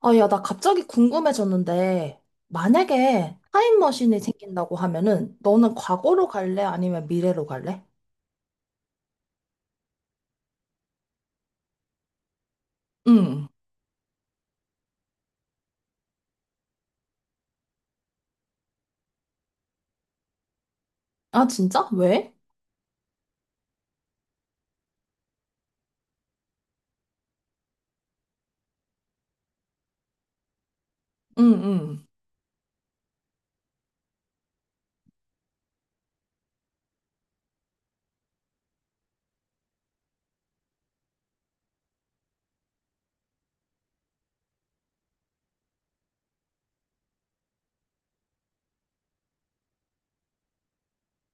아, 야, 나 갑자기 궁금해졌는데, 만약에 타임머신이 생긴다고 하면은, 너는 과거로 갈래? 아니면 미래로 갈래? 응. 아, 진짜? 왜? 응, 응.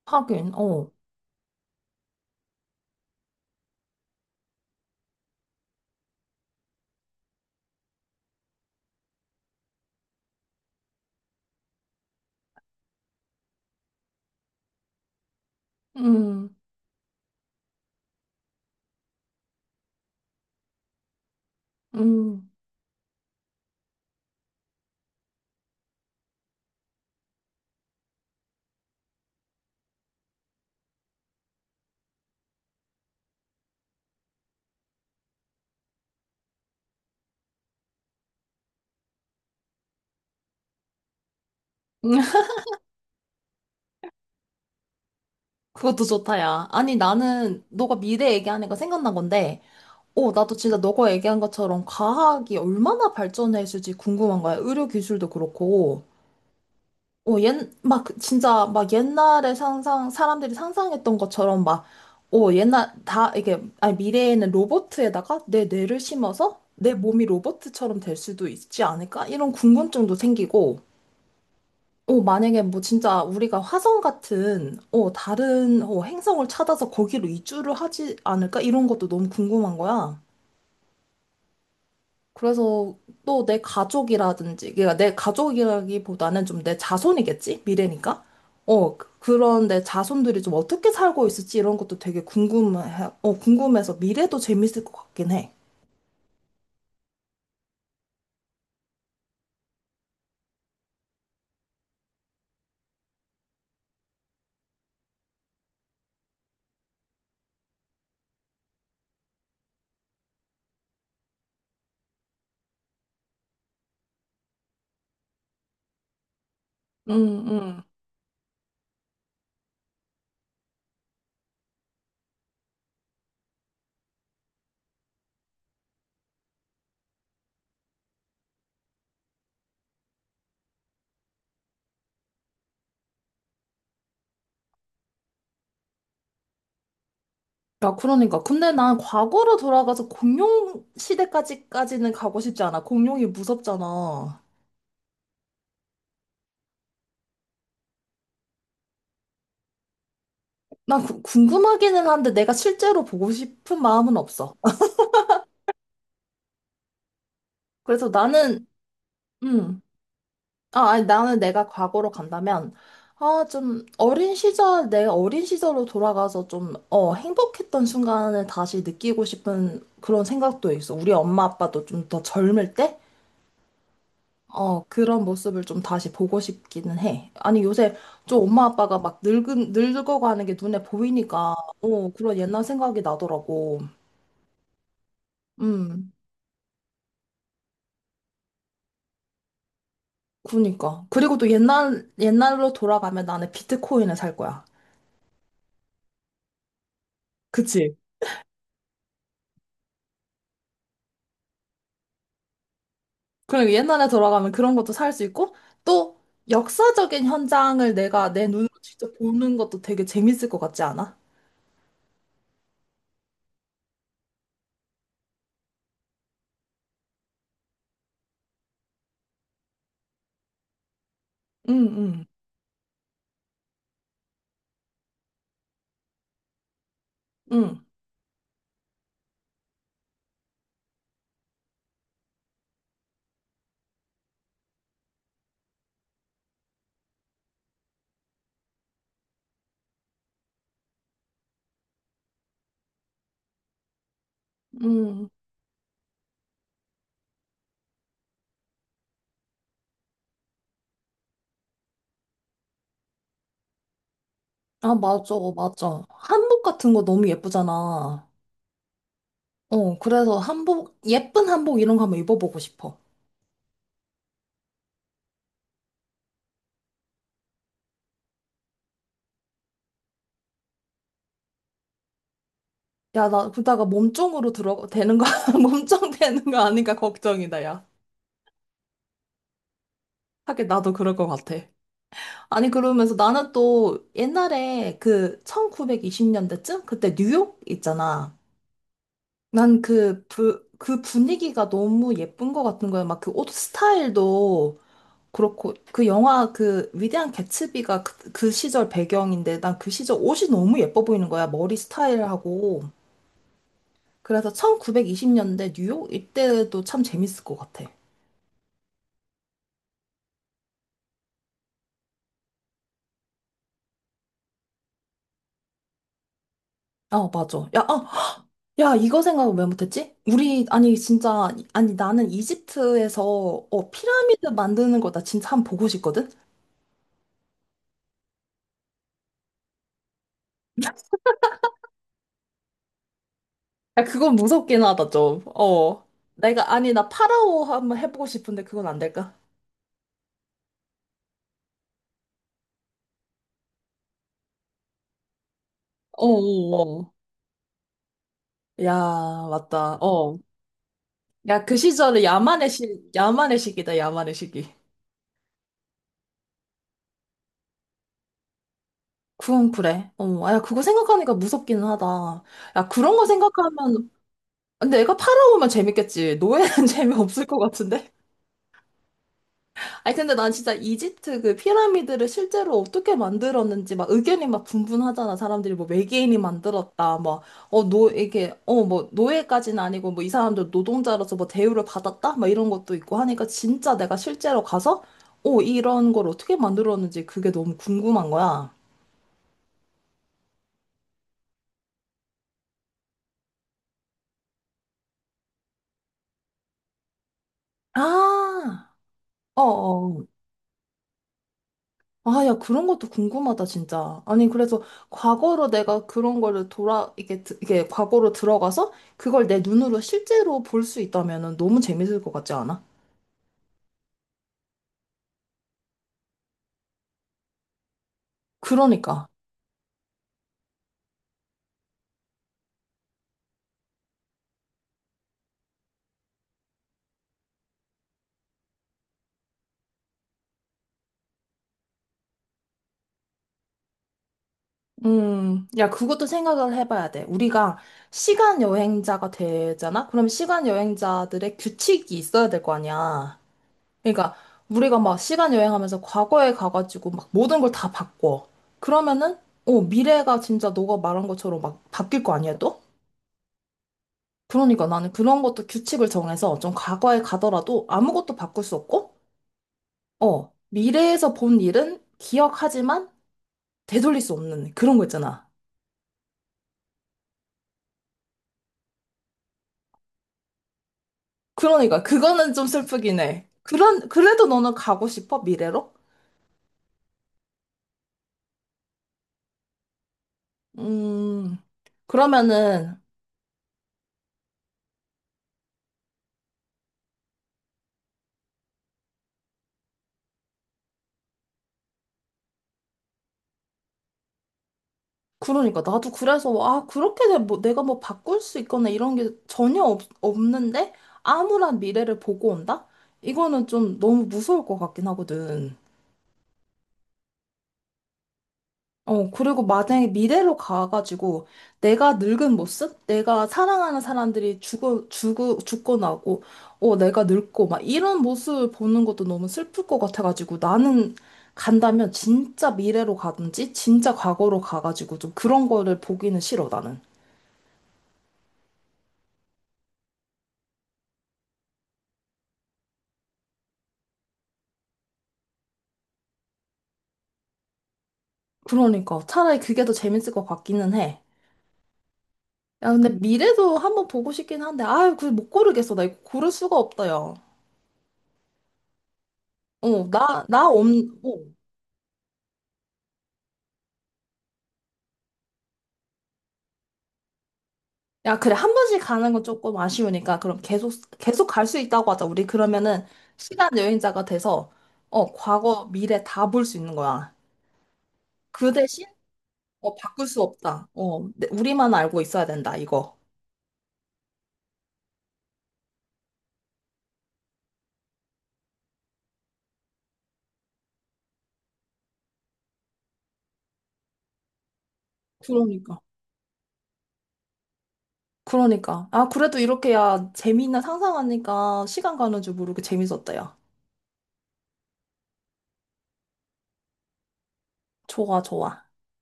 하긴, 어. 응, 응. 그것도 좋다, 야. 아니, 나는 너가 미래 얘기하니까 생각난 건데, 어, 나도 진짜 너가 얘기한 것처럼 과학이 얼마나 발전했을지 궁금한 거야. 의료 기술도 그렇고. 어, 막, 진짜, 막 옛날에 사람들이 상상했던 것처럼 막, 어, 아니, 미래에는 로봇에다가 내 뇌를 심어서 내 몸이 로봇처럼 될 수도 있지 않을까? 이런 궁금증도 생기고, 어, 만약에 뭐 진짜 우리가 화성 같은, 어, 다른, 어, 행성을 찾아서 거기로 이주를 하지 않을까? 이런 것도 너무 궁금한 거야. 그래서 또 내 가족이라든지, 그러니까 내 가족이라기보다는 좀 내 자손이겠지? 미래니까? 어, 그런 내 자손들이 좀 어떻게 살고 있을지 이런 것도 되게 궁금해, 어, 궁금해서 미래도 재밌을 것 같긴 해. 응, 응. 야, 그러니까. 근데 난 과거로 돌아가서 공룡 시대까지까지는 가고 싶지 않아. 공룡이 무섭잖아. 난 궁금하기는 한데 내가 실제로 보고 싶은 마음은 없어. 그래서 나는, 음. 아, 아니, 나는 내가 과거로 간다면, 아, 좀, 어린 시절, 내 어린 시절로 돌아가서 좀, 어, 행복했던 순간을 다시 느끼고 싶은 그런 생각도 있어. 우리 엄마 아빠도 좀 더 젊을 때? 어, 그런 모습을 좀 다시 보고 싶기는 해. 아니, 요새 좀 엄마 아빠가 막 늙어가는 게 눈에 보이니까, 어, 그런 옛날 생각이 나더라고. 음, 그니까. 그리고 또 옛날로 돌아가면 나는 비트코인을 살 거야. 그치? 그럼 옛날에 돌아가면 그런 것도 살 수 있고, 또 역사적인 현장을 내가 내 눈으로 직접 보는 것도 되게 재밌을 것 같지 않아? 응, 응, 응, 응. 아, 맞아, 맞아. 한복 같은 거 너무 예쁘잖아. 어, 그래서 한복, 예쁜 한복 이런 거 한번 입어보고 싶어. 야, 나 그러다가 몸종으로 되는 거, 몸종 되는 거 아닌가 걱정이다, 야. 하긴 나도 그럴 것 같아. 아니, 그러면서 나는 또 옛날에 그 1920년대쯤? 그때 뉴욕 있잖아. 난 그 분위기가 너무 예쁜 것 같은 거야. 막 그 옷 스타일도 그렇고, 그 영화 그 위대한 개츠비가 그 시절 배경인데, 난 그 시절 옷이 너무 예뻐 보이는 거야. 머리 스타일하고. 그래서 1920년대 뉴욕 이때도 참 재밌을 것 같아. 아, 맞아. 야, 아, 야, 이거 생각을 왜 못했지? 우리, 아니, 진짜, 아니, 나는 이집트에서, 어, 피라미드 만드는 거 나 진짜 한 번 보고 싶거든? 야, 그건 무섭긴 하다, 좀. 어. 내가, 아니, 나 파라오 한번 해보고 싶은데 그건 안 될까? 어, 어, 어. 야, 맞다. 어. 야, 그 시절에 야만의 시기다, 야만의 시기. 그건 그래. 어, 아, 야, 그거 생각하니까 무섭기는 하다. 야, 그런 거 생각하면, 근데 내가 팔아오면 재밌겠지. 노예는 재미없을 것 같은데? 아니 근데 난 진짜 이집트 그 피라미드를 실제로 어떻게 만들었는지 막 의견이 막 분분하잖아. 사람들이 뭐 외계인이 만들었다. 막어노 이게 어 뭐 노예까지는 아니고 뭐 이 사람들 노동자로서 뭐 대우를 받았다. 막 이런 것도 있고 하니까 진짜 내가 실제로 가서 어 이런 걸 어떻게 만들었는지 그게 너무 궁금한 거야. 아. 어어. 아, 야, 그런 것도 궁금하다, 진짜. 아니, 그래서 과거로 내가 그런 거를 이게 과거로 들어가서 그걸 내 눈으로 실제로 볼 수 있다면은 너무 재밌을 것 같지 않아? 그러니까. 야, 그것도 생각을 해봐야 돼. 우리가 시간 여행자가 되잖아? 그럼 시간 여행자들의 규칙이 있어야 될 거 아니야. 그러니까, 우리가 막 시간 여행하면서 과거에 가가지고 막 모든 걸 다 바꿔. 그러면은, 어, 미래가 진짜 너가 말한 것처럼 막 바뀔 거 아니야, 또? 그러니까 나는 그런 것도 규칙을 정해서 좀 과거에 가더라도 아무것도 바꿀 수 없고, 어, 미래에서 본 일은 기억하지만 되돌릴 수 없는 그런 거 있잖아. 그러니까 그거는 좀 슬프긴 해. 그런, 그래도 너는 가고 싶어? 미래로? 음, 그러면은, 그러니까 나도 그래서, 뭐, 아, 그렇게 내, 뭐, 내가 뭐 바꿀 수 있거나 이런 게 전혀 없는데, 암울한 미래를 보고 온다? 이거는 좀 너무 무서울 것 같긴 하거든. 어, 그리고 만약에 미래로 가가지고 내가 늙은 모습? 내가 사랑하는 사람들이 죽고 나고, 어, 내가 늙고 막 이런 모습 보는 것도 너무 슬플 것 같아가지고 나는 간다면 진짜 미래로 가든지 진짜 과거로 가가지고 좀 그런 거를 보기는 싫어, 나는. 그러니까 차라리 그게 더 재밌을 것 같기는 해. 야, 근데 미래도 한번 보고 싶긴 한데, 아유, 그걸 못 고르겠어. 나 이거 고를 수가 없다, 야. 어, 어. 야, 그래. 한 번씩 가는 건 조금 아쉬우니까, 그럼 계속, 계속 갈 수 있다고 하자. 우리 그러면은, 시간 여행자가 돼서, 어, 과거, 미래 다 볼 수 있는 거야. 그 대신, 어, 바꿀 수 없다. 어, 우리만 알고 있어야 된다, 이거. 그러니까. 그러니까. 아, 그래도 이렇게, 야, 재미있나 상상하니까, 시간 가는 줄 모르게 재밌었다, 야. 좋아, 좋아.